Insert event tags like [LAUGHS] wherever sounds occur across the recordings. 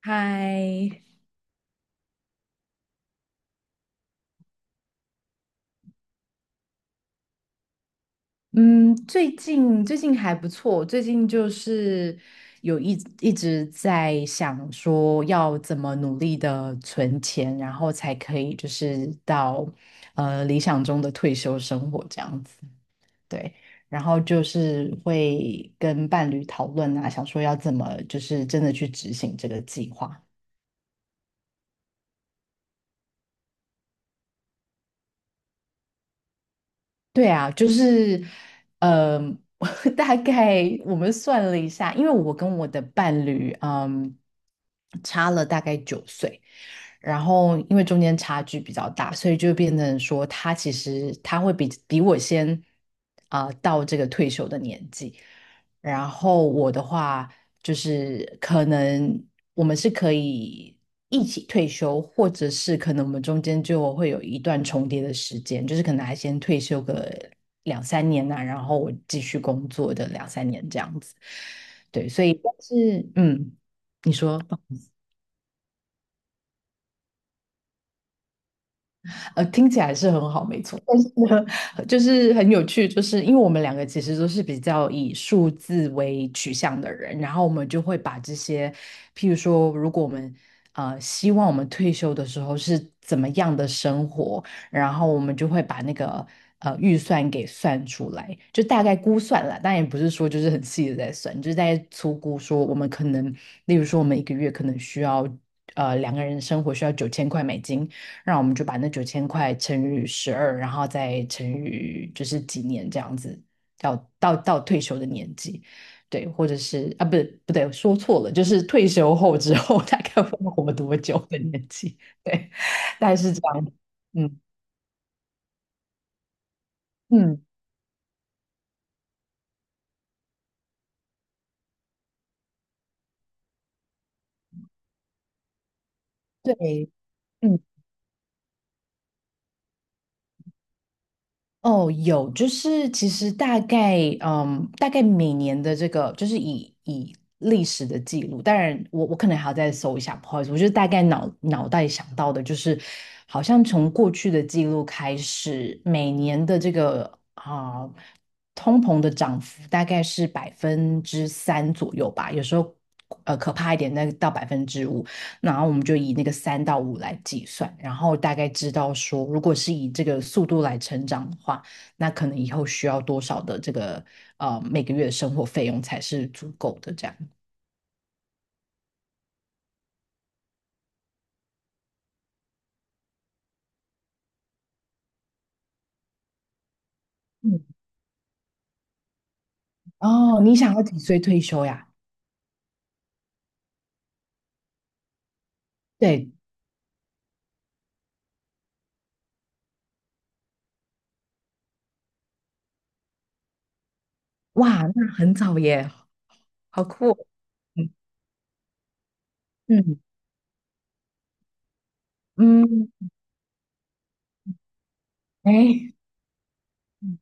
嗨，嗯，最近还不错。最近就是有一一直在想说要怎么努力的存钱，然后才可以就是到理想中的退休生活这样子，对。然后就是会跟伴侣讨论啊，想说要怎么就是真的去执行这个计划。对啊，就是，嗯、[LAUGHS] 大概我们算了一下，因为我跟我的伴侣，差了大概9岁。然后因为中间差距比较大，所以就变成说他其实会比我先到这个退休的年纪，然后我的话就是可能我们是可以一起退休，或者是可能我们中间就会有一段重叠的时间，就是可能还先退休个两三年然后我继续工作的两三年这样子。对，所以但是你说。听起来是很好，没错。[LAUGHS] 但是呢，就是很有趣，就是因为我们两个其实都是比较以数字为取向的人，然后我们就会把这些，譬如说，如果我们希望我们退休的时候是怎么样的生活，然后我们就会把那个预算给算出来，就大概估算了，但也不是说就是很细的在算，就是在粗估说我们可能，例如说我们一个月可能需要两个人生活需要9000块美金，让我们就把那九千块乘以12，然后再乘以就是几年这样子，到退休的年纪，对，或者是啊，不对，说错了，就是退休后之后 [LAUGHS] 大概会活多久的年纪，[LAUGHS] 对，大概是这样，嗯嗯，对，嗯。哦，有，就是其实大概，大概每年的这个，就是以历史的记录，当然我可能还要再搜一下，不好意思，我就大概脑袋想到的，就是好像从过去的记录开始，每年的这个啊、通膨的涨幅大概是3%左右吧，有时候可怕一点，那到5%。然后我们就以那个3到5来计算，然后大概知道说，如果是以这个速度来成长的话，那可能以后需要多少的这个每个月的生活费用才是足够的这样。嗯，哦，你想要几岁退休呀？对，哇，那很早耶，好酷哦。嗯嗯嗯，哎，嗯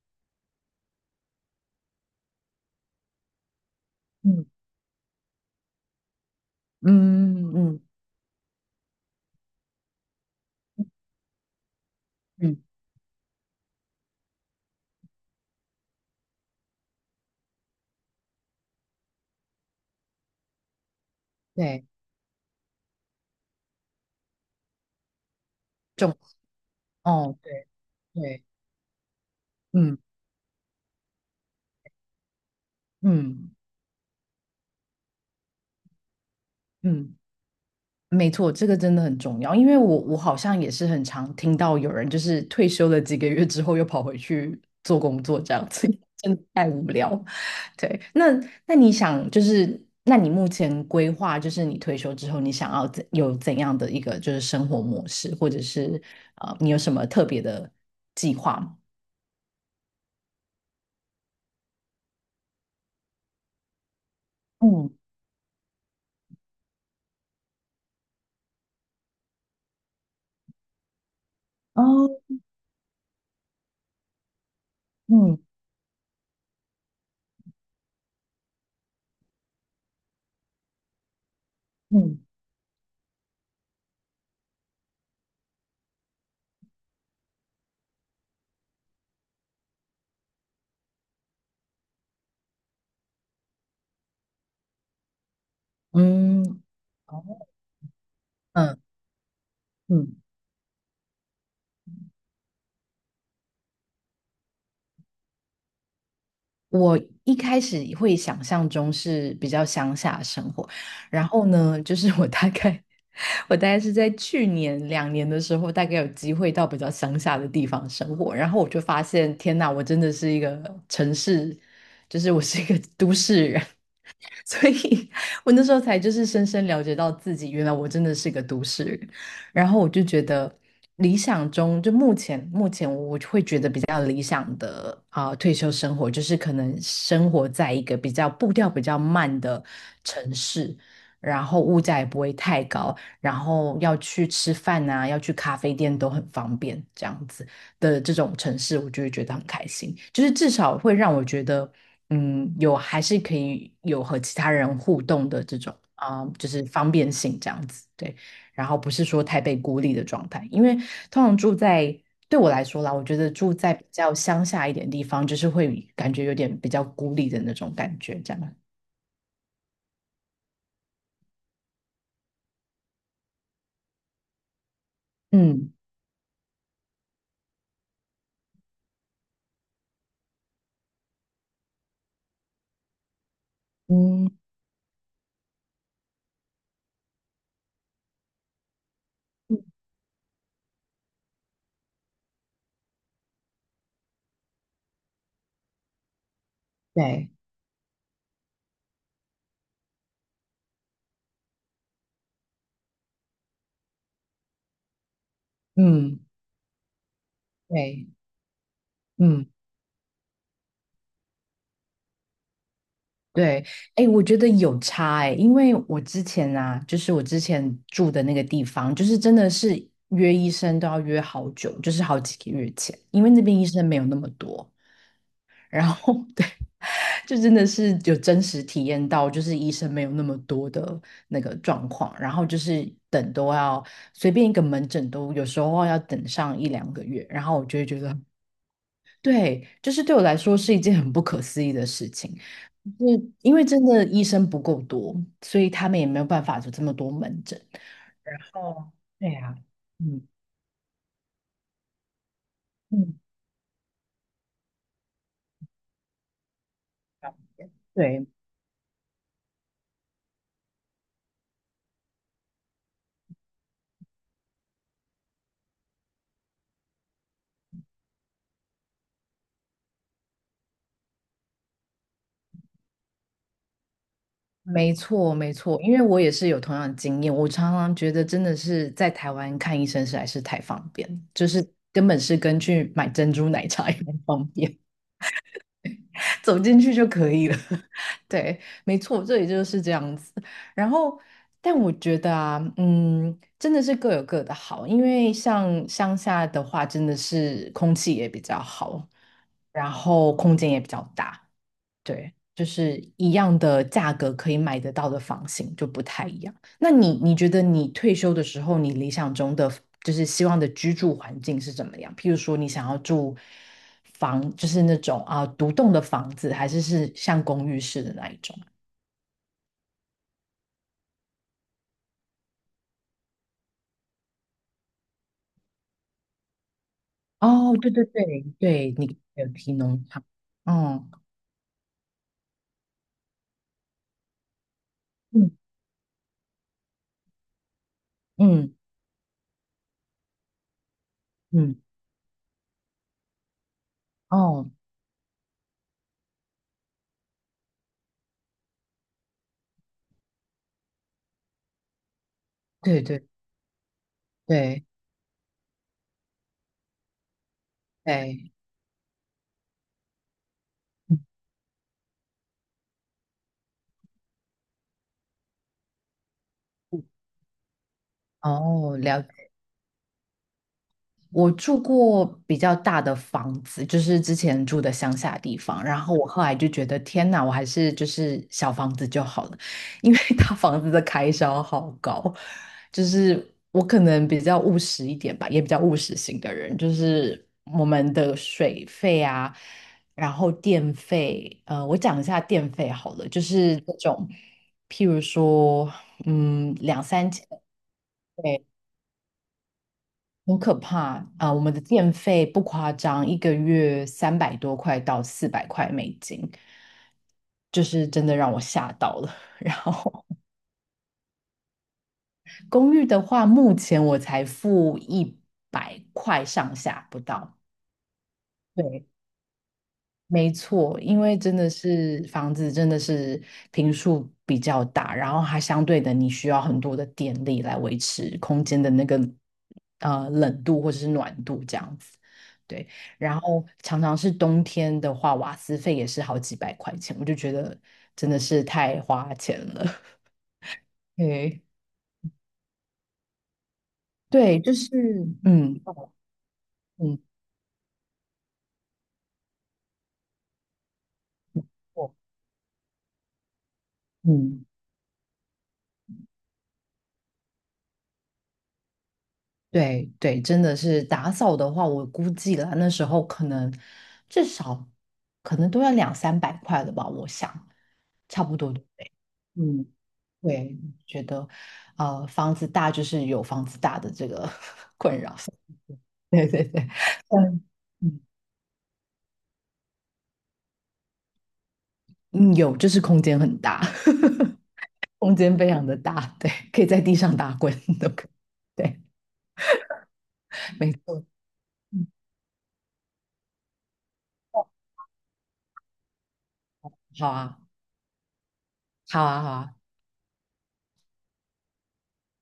嗯嗯嗯嗯，对，重哦，对对，嗯嗯嗯。没错，这个真的很重要，因为我好像也是很常听到有人就是退休了几个月之后又跑回去做工作这样子，[LAUGHS] 真的太无聊。对，那你想就是，那你目前规划就是你退休之后你想要怎样的一个就是生活模式，或者是你有什么特别的计划吗？嗯，哦，嗯嗯嗯，哦，嗯嗯。我一开始会想象中是比较乡下的生活，然后呢，就是我大概 [LAUGHS] 我大概是在去年两年的时候，大概有机会到比较乡下的地方生活，然后我就发现，天呐，我真的是一个城市，就是我是一个都市人。[LAUGHS] 所以我那时候才就是深深了解到自己，原来我真的是个都市人。然后我就觉得，理想中就目前我会觉得比较理想的退休生活，就是可能生活在一个比较步调比较慢的城市，然后物价也不会太高，然后要去吃饭啊，要去咖啡店都很方便，这样子的这种城市，我就会觉得很开心，就是至少会让我觉得。嗯，有还是可以有和其他人互动的这种就是方便性这样子，对。然后不是说太被孤立的状态，因为通常住在对我来说啦，我觉得住在比较乡下一点地方，就是会感觉有点比较孤立的那种感觉，这样。嗯嗯，对，嗯对，嗯。对，哎，我觉得有差哎，因为我之前啊，就是我之前住的那个地方，就是真的是约医生都要约好久，就是好几个月前，因为那边医生没有那么多，然后 [LAUGHS] 对，就真的是有真实体验到，就是医生没有那么多的那个状况，然后就是等都要随便一个门诊都有时候要等上一两个月，然后我就会觉得，对，就是对我来说是一件很不可思议的事情。是因为真的医生不够多，所以他们也没有办法有这么多门诊。哦，对呀，嗯，嗯，对，没错，没错，因为我也是有同样的经验，我常常觉得真的是在台湾看医生实在是太方便，就是根本是跟去买珍珠奶茶一样方便。[LAUGHS] 走进去就可以了。[LAUGHS] 对，没错，这里就是这样子。然后，但我觉得啊，真的是各有各的好，因为像乡下的话，真的是空气也比较好，然后空间也比较大。对，就是一样的价格可以买得到的房型就不太一样。那你觉得你退休的时候，你理想中的就是希望的居住环境是怎么样？譬如说，你想要住房，就是那种独栋的房子，还是像公寓式的那一种？哦，对对对对，你有提农场，哦，嗯嗯嗯，哦，对对对对，嗯嗯哦，我住过比较大的房子，就是之前住的乡下地方，然后我后来就觉得天哪，我还是就是小房子就好了，因为 [LAUGHS] 大房子的开销好高，就是我可能比较务实一点吧，也比较务实型的人，就是我们的水费啊，然后电费，我讲一下电费好了，就是那种譬如说，两三千。对。很可怕啊，我们的电费不夸张，一个月300多块到400块美金，就是真的让我吓到了。[LAUGHS] 然后公寓的话，目前我才付100块上下不到。对，没错，因为真的是房子真的是坪数比较大，然后它相对的你需要很多的电力来维持空间的那个冷度或者是暖度这样子。对，然后常常是冬天的话，瓦斯费也是好几百块钱，我就觉得真的是太花钱了。[LAUGHS] 对，对，就是嗯嗯。我嗯对对，真的是打扫的话，我估计了那时候可能至少可能都要两三百块了吧，我想差不多对不对。嗯，对，觉得房子大就是有房子大的这个 [LAUGHS] 困扰，[LAUGHS] 对对对，嗯嗯嗯，有就是空间很大，[LAUGHS] 空间非常的大，对，可以在地上打滚 [LAUGHS] 都可以，对，没错，嗯，好啊，好啊，好啊。